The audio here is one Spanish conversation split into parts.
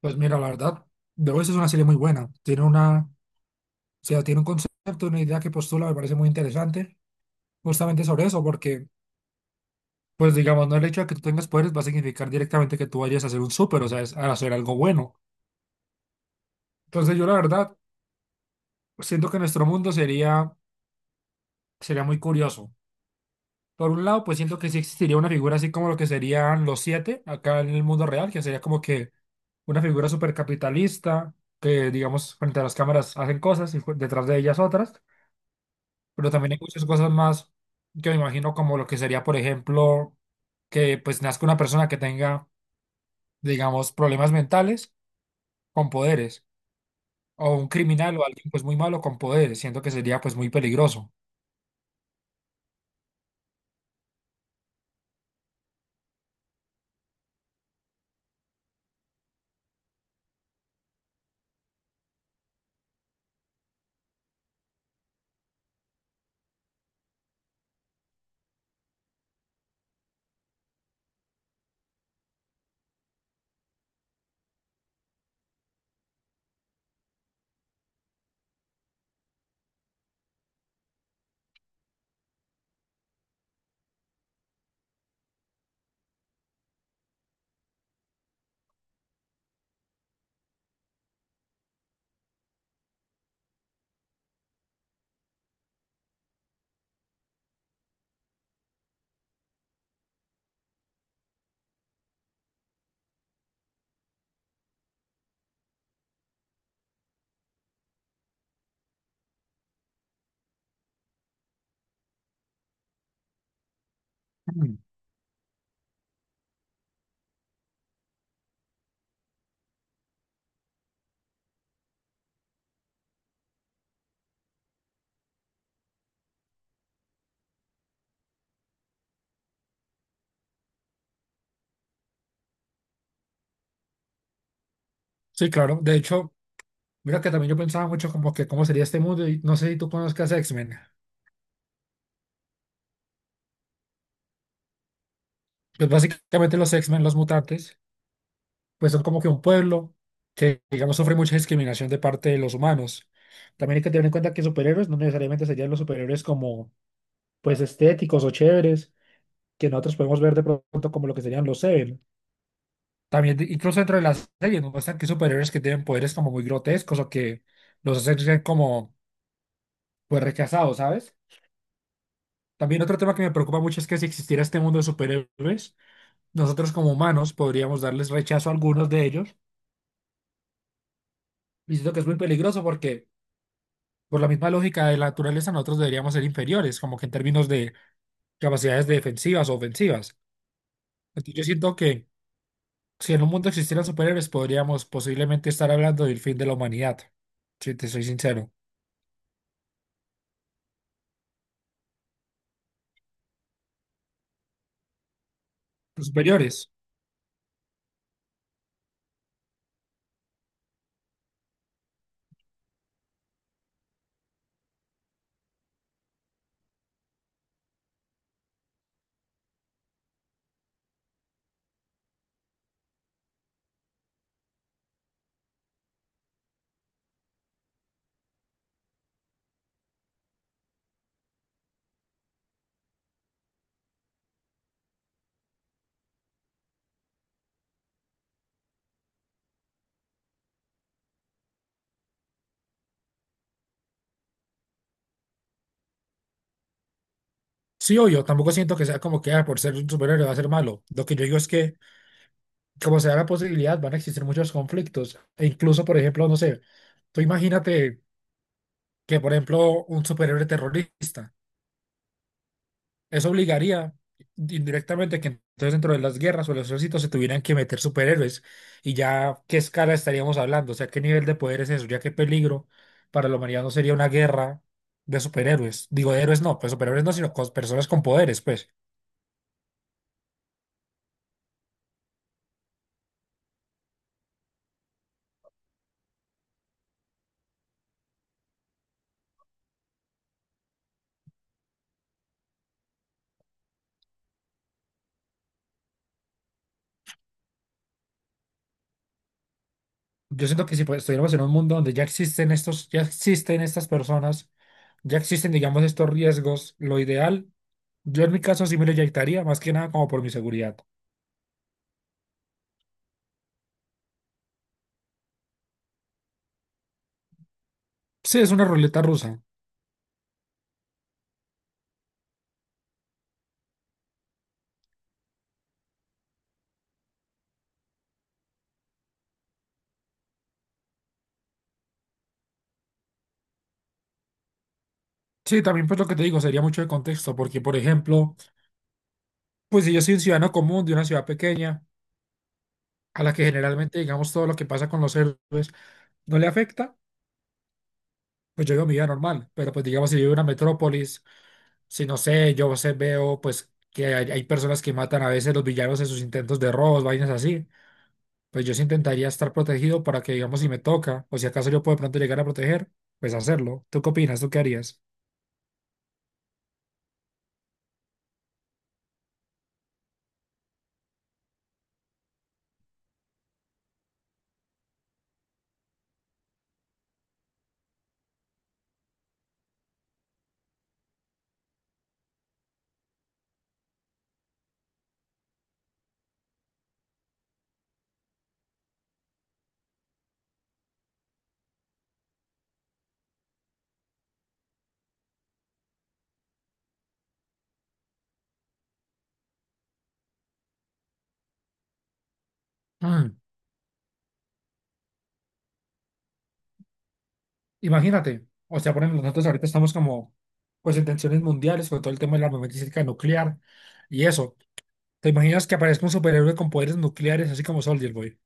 Pues mira, la verdad, The Voice es una serie muy buena. Tiene una, o sea, tiene un concepto, una idea que postula, me parece muy interesante, justamente sobre eso, porque, pues digamos, no el hecho de que tú tengas poderes va a significar directamente que tú vayas a ser un súper, o sea, a hacer algo bueno. Entonces yo la verdad siento que nuestro mundo sería, sería muy curioso. Por un lado, pues siento que sí existiría una figura así como lo que serían los siete acá en el mundo real, que sería como que una figura supercapitalista, que digamos, frente a las cámaras hacen cosas y detrás de ellas otras. Pero también hay muchas cosas más que me imagino como lo que sería, por ejemplo, que pues nazca una persona que tenga, digamos, problemas mentales con poderes, o un criminal o alguien pues muy malo con poderes, siento que sería pues muy peligroso. Mm. Sí, claro, de hecho, mira que también yo pensaba mucho como que cómo sería este mundo y no sé si tú conozcas X-Men. Pues básicamente los X-Men, los mutantes, pues son como que un pueblo que, digamos, sufre mucha discriminación de parte de los humanos. También hay que tener en cuenta que superhéroes no necesariamente serían los superhéroes como pues estéticos o chéveres que nosotros podemos ver de pronto como lo que serían los Seven. También, incluso dentro de las series, nos muestran que hay superhéroes que tienen poderes como muy grotescos o que los hacen ser como, pues, rechazados, ¿sabes? También otro tema que me preocupa mucho es que si existiera este mundo de superhéroes, nosotros como humanos podríamos darles rechazo a algunos de ellos. Y siento que es muy peligroso porque, por la misma lógica de la naturaleza, nosotros deberíamos ser inferiores, como que en términos de capacidades defensivas o ofensivas. Entonces, yo siento que si en un mundo existieran superhéroes, podríamos posiblemente estar hablando del fin de la humanidad. Si te soy sincero. Los superiores. Sí, obvio, tampoco siento que sea como que ah, por ser un superhéroe va a ser malo. Lo que yo digo es que, como se da la posibilidad, van a existir muchos conflictos. E incluso, por ejemplo, no sé, tú imagínate que, por ejemplo, un superhéroe terrorista. Eso obligaría indirectamente que entonces dentro de las guerras o los ejércitos se tuvieran que meter superhéroes. Y ya, ¿qué escala estaríamos hablando? O sea, ¿qué nivel de poder es eso? Ya qué peligro para la humanidad no sería una guerra de superhéroes. Digo, de héroes no, pues superhéroes no, sino con personas con poderes, pues. Yo siento que si pues, estuviéramos en un mundo donde ya existen estos, ya existen estas personas, ya existen, digamos, estos riesgos, lo ideal, yo en mi caso sí me lo inyectaría, más que nada como por mi seguridad. Sí, es una ruleta rusa. Sí, también pues lo que te digo sería mucho de contexto, porque por ejemplo, pues si yo soy un ciudadano común de una ciudad pequeña, a la que generalmente digamos todo lo que pasa con los héroes no le afecta, pues yo vivo mi vida normal, pero pues digamos si vivo en una metrópolis, si no sé, yo sé, veo pues que hay personas que matan a veces los villanos en sus intentos de robos, vainas así, pues yo sí intentaría estar protegido para que digamos si me toca, o si acaso yo puedo de pronto llegar a proteger, pues hacerlo. ¿Tú qué opinas? ¿Tú qué harías? Mm. Imagínate, o sea, por ejemplo, nosotros ahorita estamos como, pues en tensiones mundiales, con todo el tema de la armamentística nuclear y eso. ¿Te imaginas que aparezca un superhéroe con poderes nucleares, así como Soldier Boy?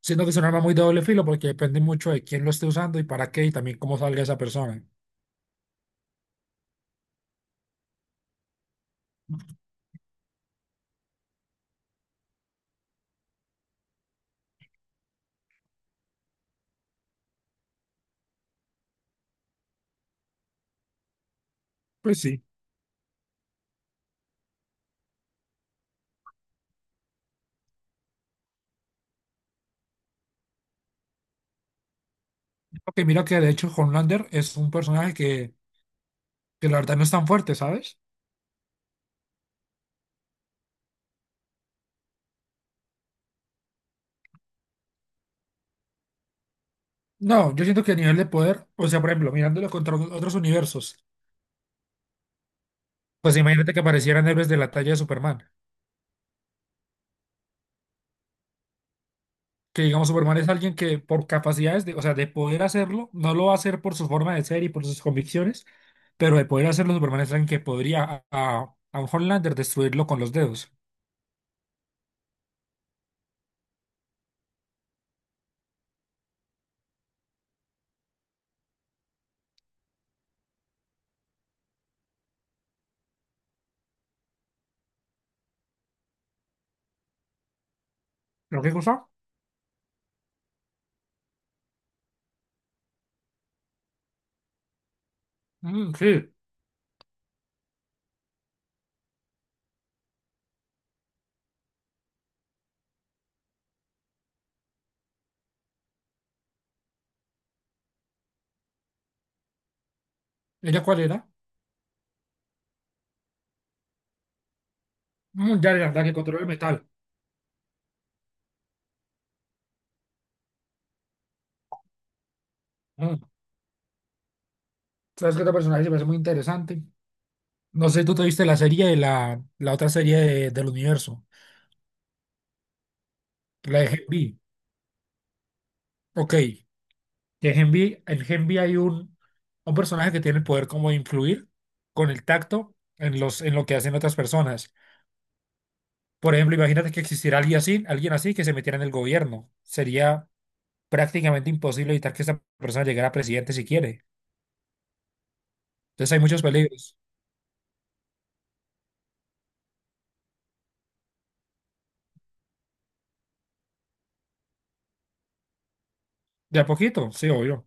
Siento que es un arma muy de doble filo porque depende mucho de quién lo esté usando y para qué y también cómo salga esa persona. Pues sí. Ok, mira que de hecho Homelander es un personaje que la verdad no es tan fuerte, ¿sabes? No, yo siento que a nivel de poder, o sea, por ejemplo, mirándolo contra otros universos, pues imagínate que aparecieran héroes de la talla de Superman. Que digamos Superman es alguien que por capacidades de, o sea, de poder hacerlo, no lo va a hacer por su forma de ser y por sus convicciones, pero de poder hacerlo, Superman es alguien que podría a un Homelander destruirlo con los dedos. ¿Lo que cosa? Mm, sí. ¿Ella cuál era? Mm, ya era la que controla el metal. Mm. ¿Sabes qué otro personaje se me hace muy interesante? No sé, tú te viste la serie de la otra serie del universo, la de Gen V. Ok, que en Genvi hay un personaje que tiene el poder como de influir con el tacto en, en lo que hacen otras personas. Por ejemplo, imagínate que existiera alguien así que se metiera en el gobierno. Sería prácticamente imposible evitar que esa persona llegara a presidente si quiere. Entonces hay muchos peligros. De a poquito, sí, obvio.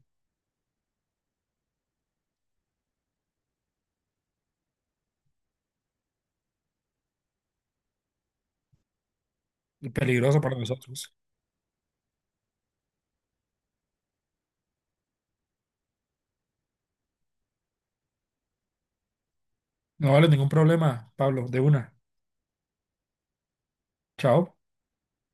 Y peligroso para nosotros. No vale ningún problema, Pablo. De una. Chao.